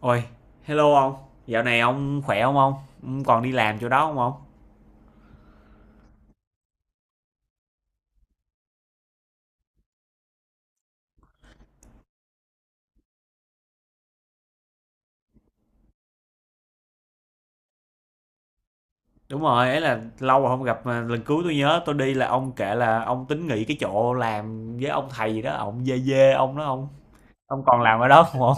Ôi, hello ông, dạo này ông khỏe không ông? Ông còn đi làm chỗ đó không ông? Đúng rồi, ấy là lâu rồi không gặp mà lần cuối tôi nhớ tôi đi là ông kể là ông tính nghỉ cái chỗ làm với ông thầy gì đó, ông dê dê ông đó ông. Ông còn làm ở đó không ông?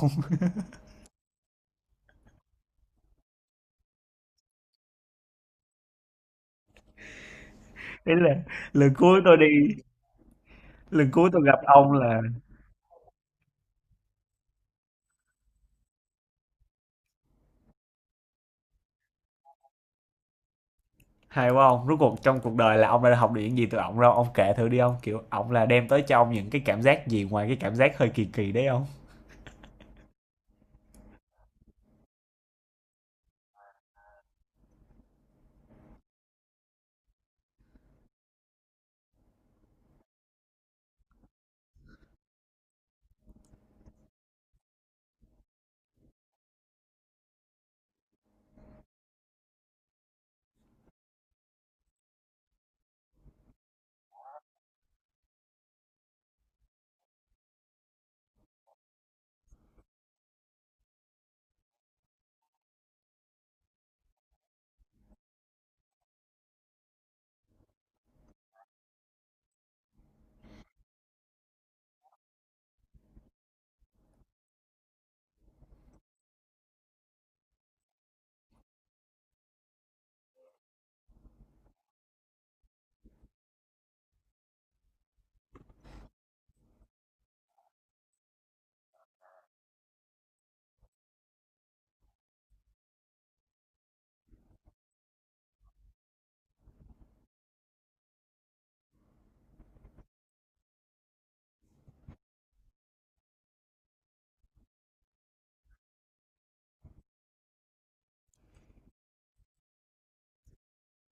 Đấy là lần cuối tôi đi, lần cuối tôi gặp ông là hay quá ông, rốt cuộc trong cuộc đời là ông đã học được những gì từ ông đâu, ông kể thử đi ông, kiểu ông là đem tới cho ông những cái cảm giác gì ngoài cái cảm giác hơi kỳ kỳ đấy ông.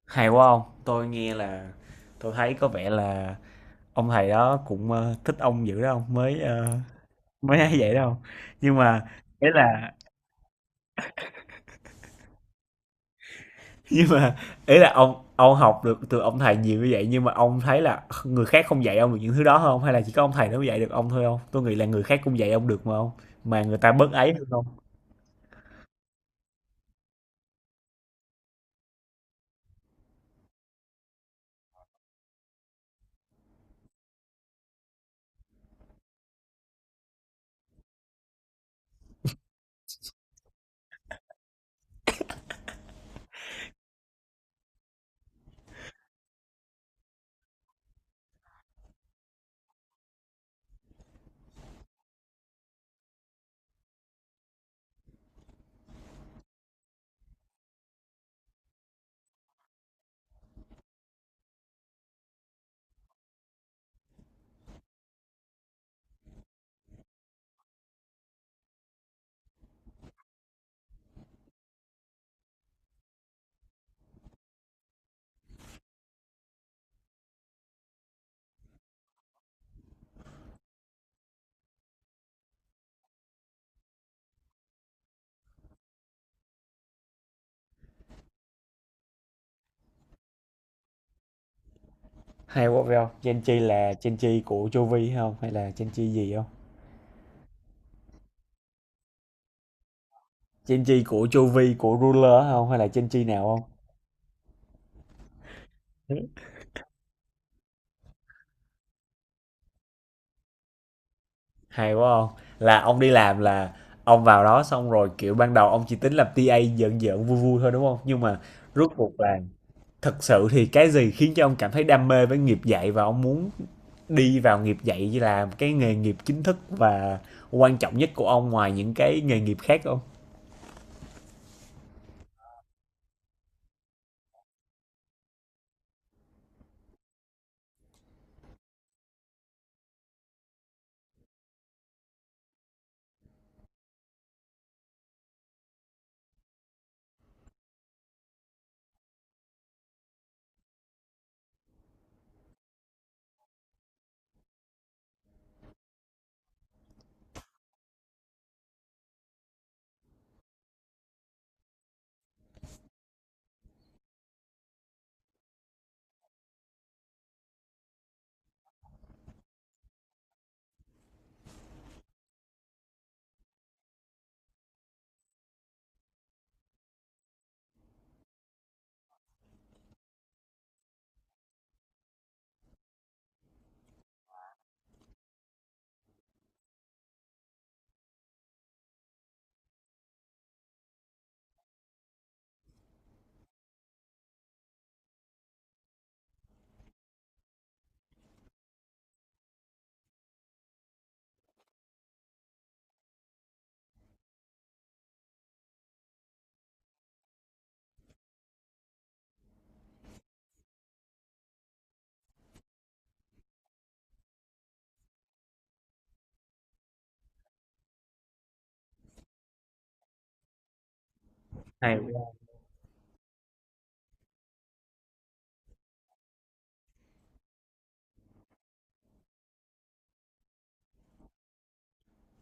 Hay quá ông, tôi nghe là tôi thấy có vẻ là ông thầy đó cũng, thích ông dữ đó ông, mới, mới ấy vậy đâu. Nhưng mà ý là nhưng mà ý là ông học được từ ông thầy nhiều như vậy, nhưng mà ông thấy là người khác không dạy ông được những thứ đó không? Hay là chỉ có ông thầy đó mới dạy được ông thôi không? Tôi nghĩ là người khác cũng dạy ông được mà không, mà người ta bớt ấy hơn không? Hay quá phải hông? Gen Chi là Gen Chi của Chu Vi hay hông? Hay là Gen Chi gì không? Gen Chi của Chu Vi, của ruler không? Hay là Gen Chi nào không? Hay quá không. Là ông đi làm là ông vào đó xong rồi, kiểu, ban đầu ông chỉ tính làm TA giỡn giỡn, vui vui thôi, đúng không? Nhưng mà rốt cuộc là thật sự thì cái gì khiến cho ông cảm thấy đam mê với nghiệp dạy, và ông muốn đi vào nghiệp dạy như là cái nghề nghiệp chính thức và quan trọng nhất của ông ngoài những cái nghề nghiệp khác không? Hay quá,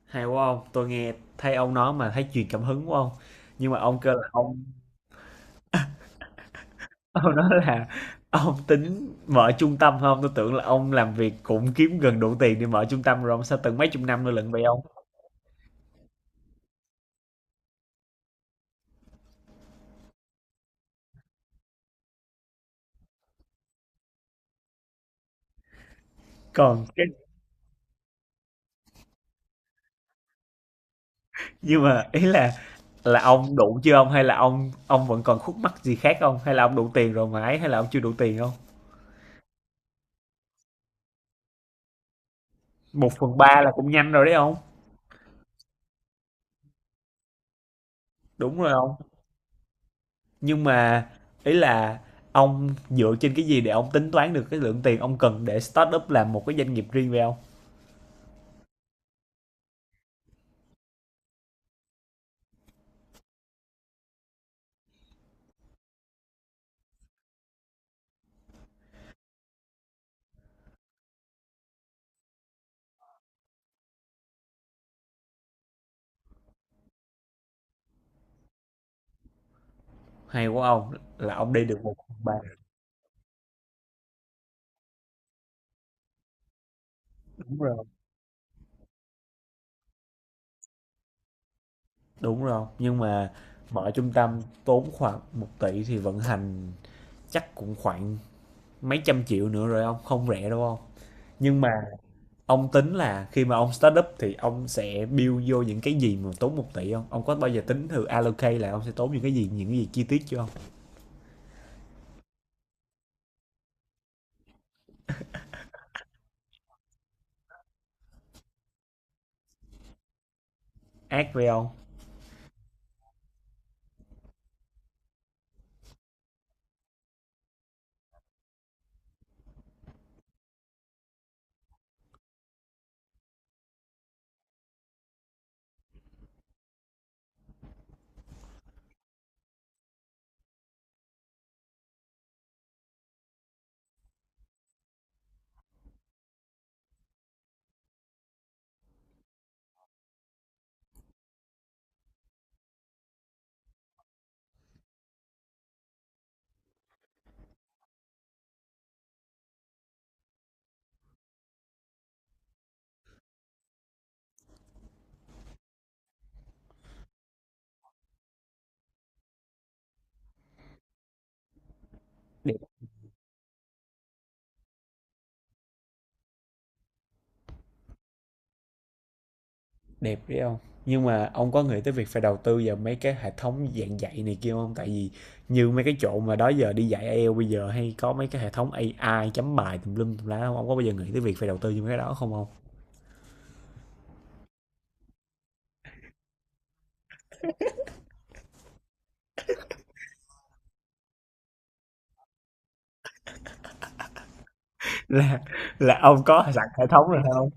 hay quá không. Tôi nghe thấy ông nói mà thấy truyền cảm hứng quá không. Nhưng mà ông kêu là ông ông nói là ông tính mở trung tâm không? Tôi tưởng là ông làm việc cũng kiếm gần đủ tiền để mở trung tâm rồi ông, sao từng mấy chục năm nữa lận vậy ông? Còn cái nhưng mà ý là ông đủ chưa ông? Hay là ông vẫn còn khúc mắc gì khác không? Hay là ông đủ tiền rồi mà ấy? Hay là ông chưa đủ tiền không? Một phần ba là cũng nhanh rồi đấy ông. Đúng rồi ông. Nhưng mà ý là ông dựa trên cái gì để ông tính toán được cái lượng tiền ông cần để start up làm một cái doanh nghiệp riêng về ông? Hay quá ông, là ông đi được 1/3. Đúng rồi. Đúng rồi, nhưng mà mở trung tâm tốn khoảng một tỷ thì vận hành chắc cũng khoảng mấy trăm triệu nữa rồi ông, không rẻ đâu ông. Nhưng mà ông tính là khi mà ông start up thì ông sẽ build vô những cái gì mà tốn một tỷ không? Ông có bao giờ tính thử allocate là ông sẽ tốn những cái gì chi tiết chưa không? Ác với ông. Đẹp đấy ông. Nhưng mà ông có nghĩ tới việc phải đầu tư vào mấy cái hệ thống dạy này kia không? Tại vì như mấy cái chỗ mà đó giờ đi dạy IELTS bây giờ hay có mấy cái hệ thống AI chấm bài tùm lum tùm lá không? Ông có bao giờ nghĩ tới việc phải đầu tư như mấy cái đó không ông? Là là ông có sẵn hệ thống rồi không?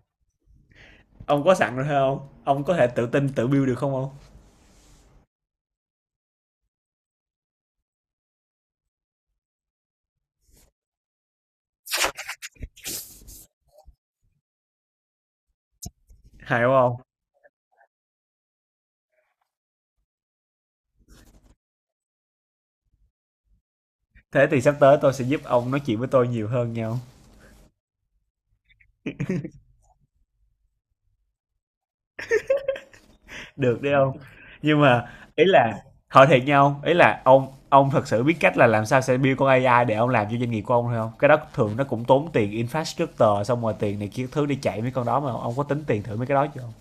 Ông có sẵn rồi không? Ông có thể tự tin tự build được không ông? Hay không? Ông? Thế thì sắp tới tôi sẽ giúp ông nói chuyện với tôi nhiều hơn nhau. Được đấy ông. Nhưng mà ý là hỏi thiệt nhau, ý là ông thật sự biết cách là làm sao sẽ build con AI để ông làm cho doanh nghiệp của ông thôi không? Cái đó thường nó cũng tốn tiền infrastructure xong rồi tiền này kia thứ đi chạy mấy con đó, mà ông có tính tiền thử mấy cái đó chưa không?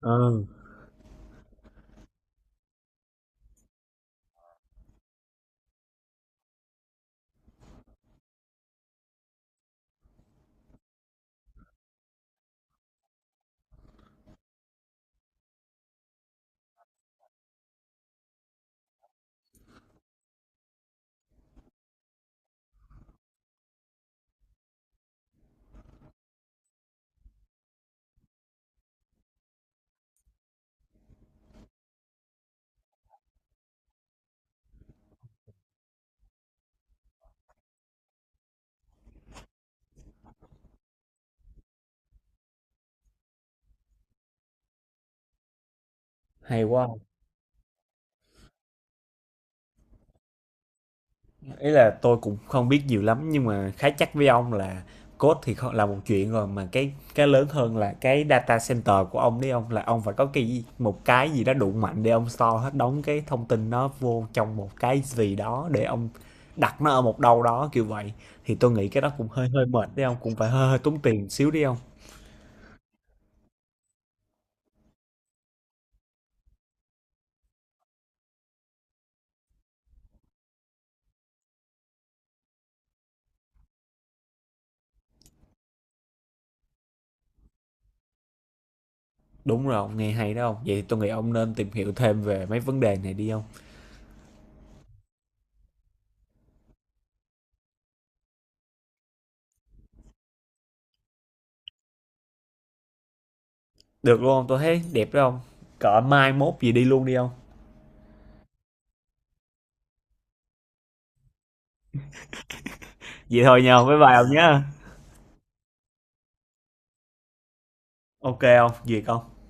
Ừ. Hay quá. Ý là tôi cũng không biết nhiều lắm, nhưng mà khá chắc với ông là code thì không là một chuyện rồi, mà cái lớn hơn là cái data center của ông đấy ông, là ông phải có cái một cái gì đó đủ mạnh để ông store hết đóng cái thông tin nó vô trong một cái gì đó để ông đặt nó ở một đâu đó kiểu vậy, thì tôi nghĩ cái đó cũng hơi hơi mệt đấy ông, cũng phải hơi, hơi tốn tiền xíu đi ông. Đúng rồi ông, nghe hay đó ông, vậy thì tôi nghĩ ông nên tìm hiểu thêm về mấy vấn đề này đi ông. Được luôn ông, tôi thấy đẹp đó ông, cỡ mai mốt gì đi luôn đi ông. Vậy thôi nhau, bye bye ông nhé. OK không, Việc hông?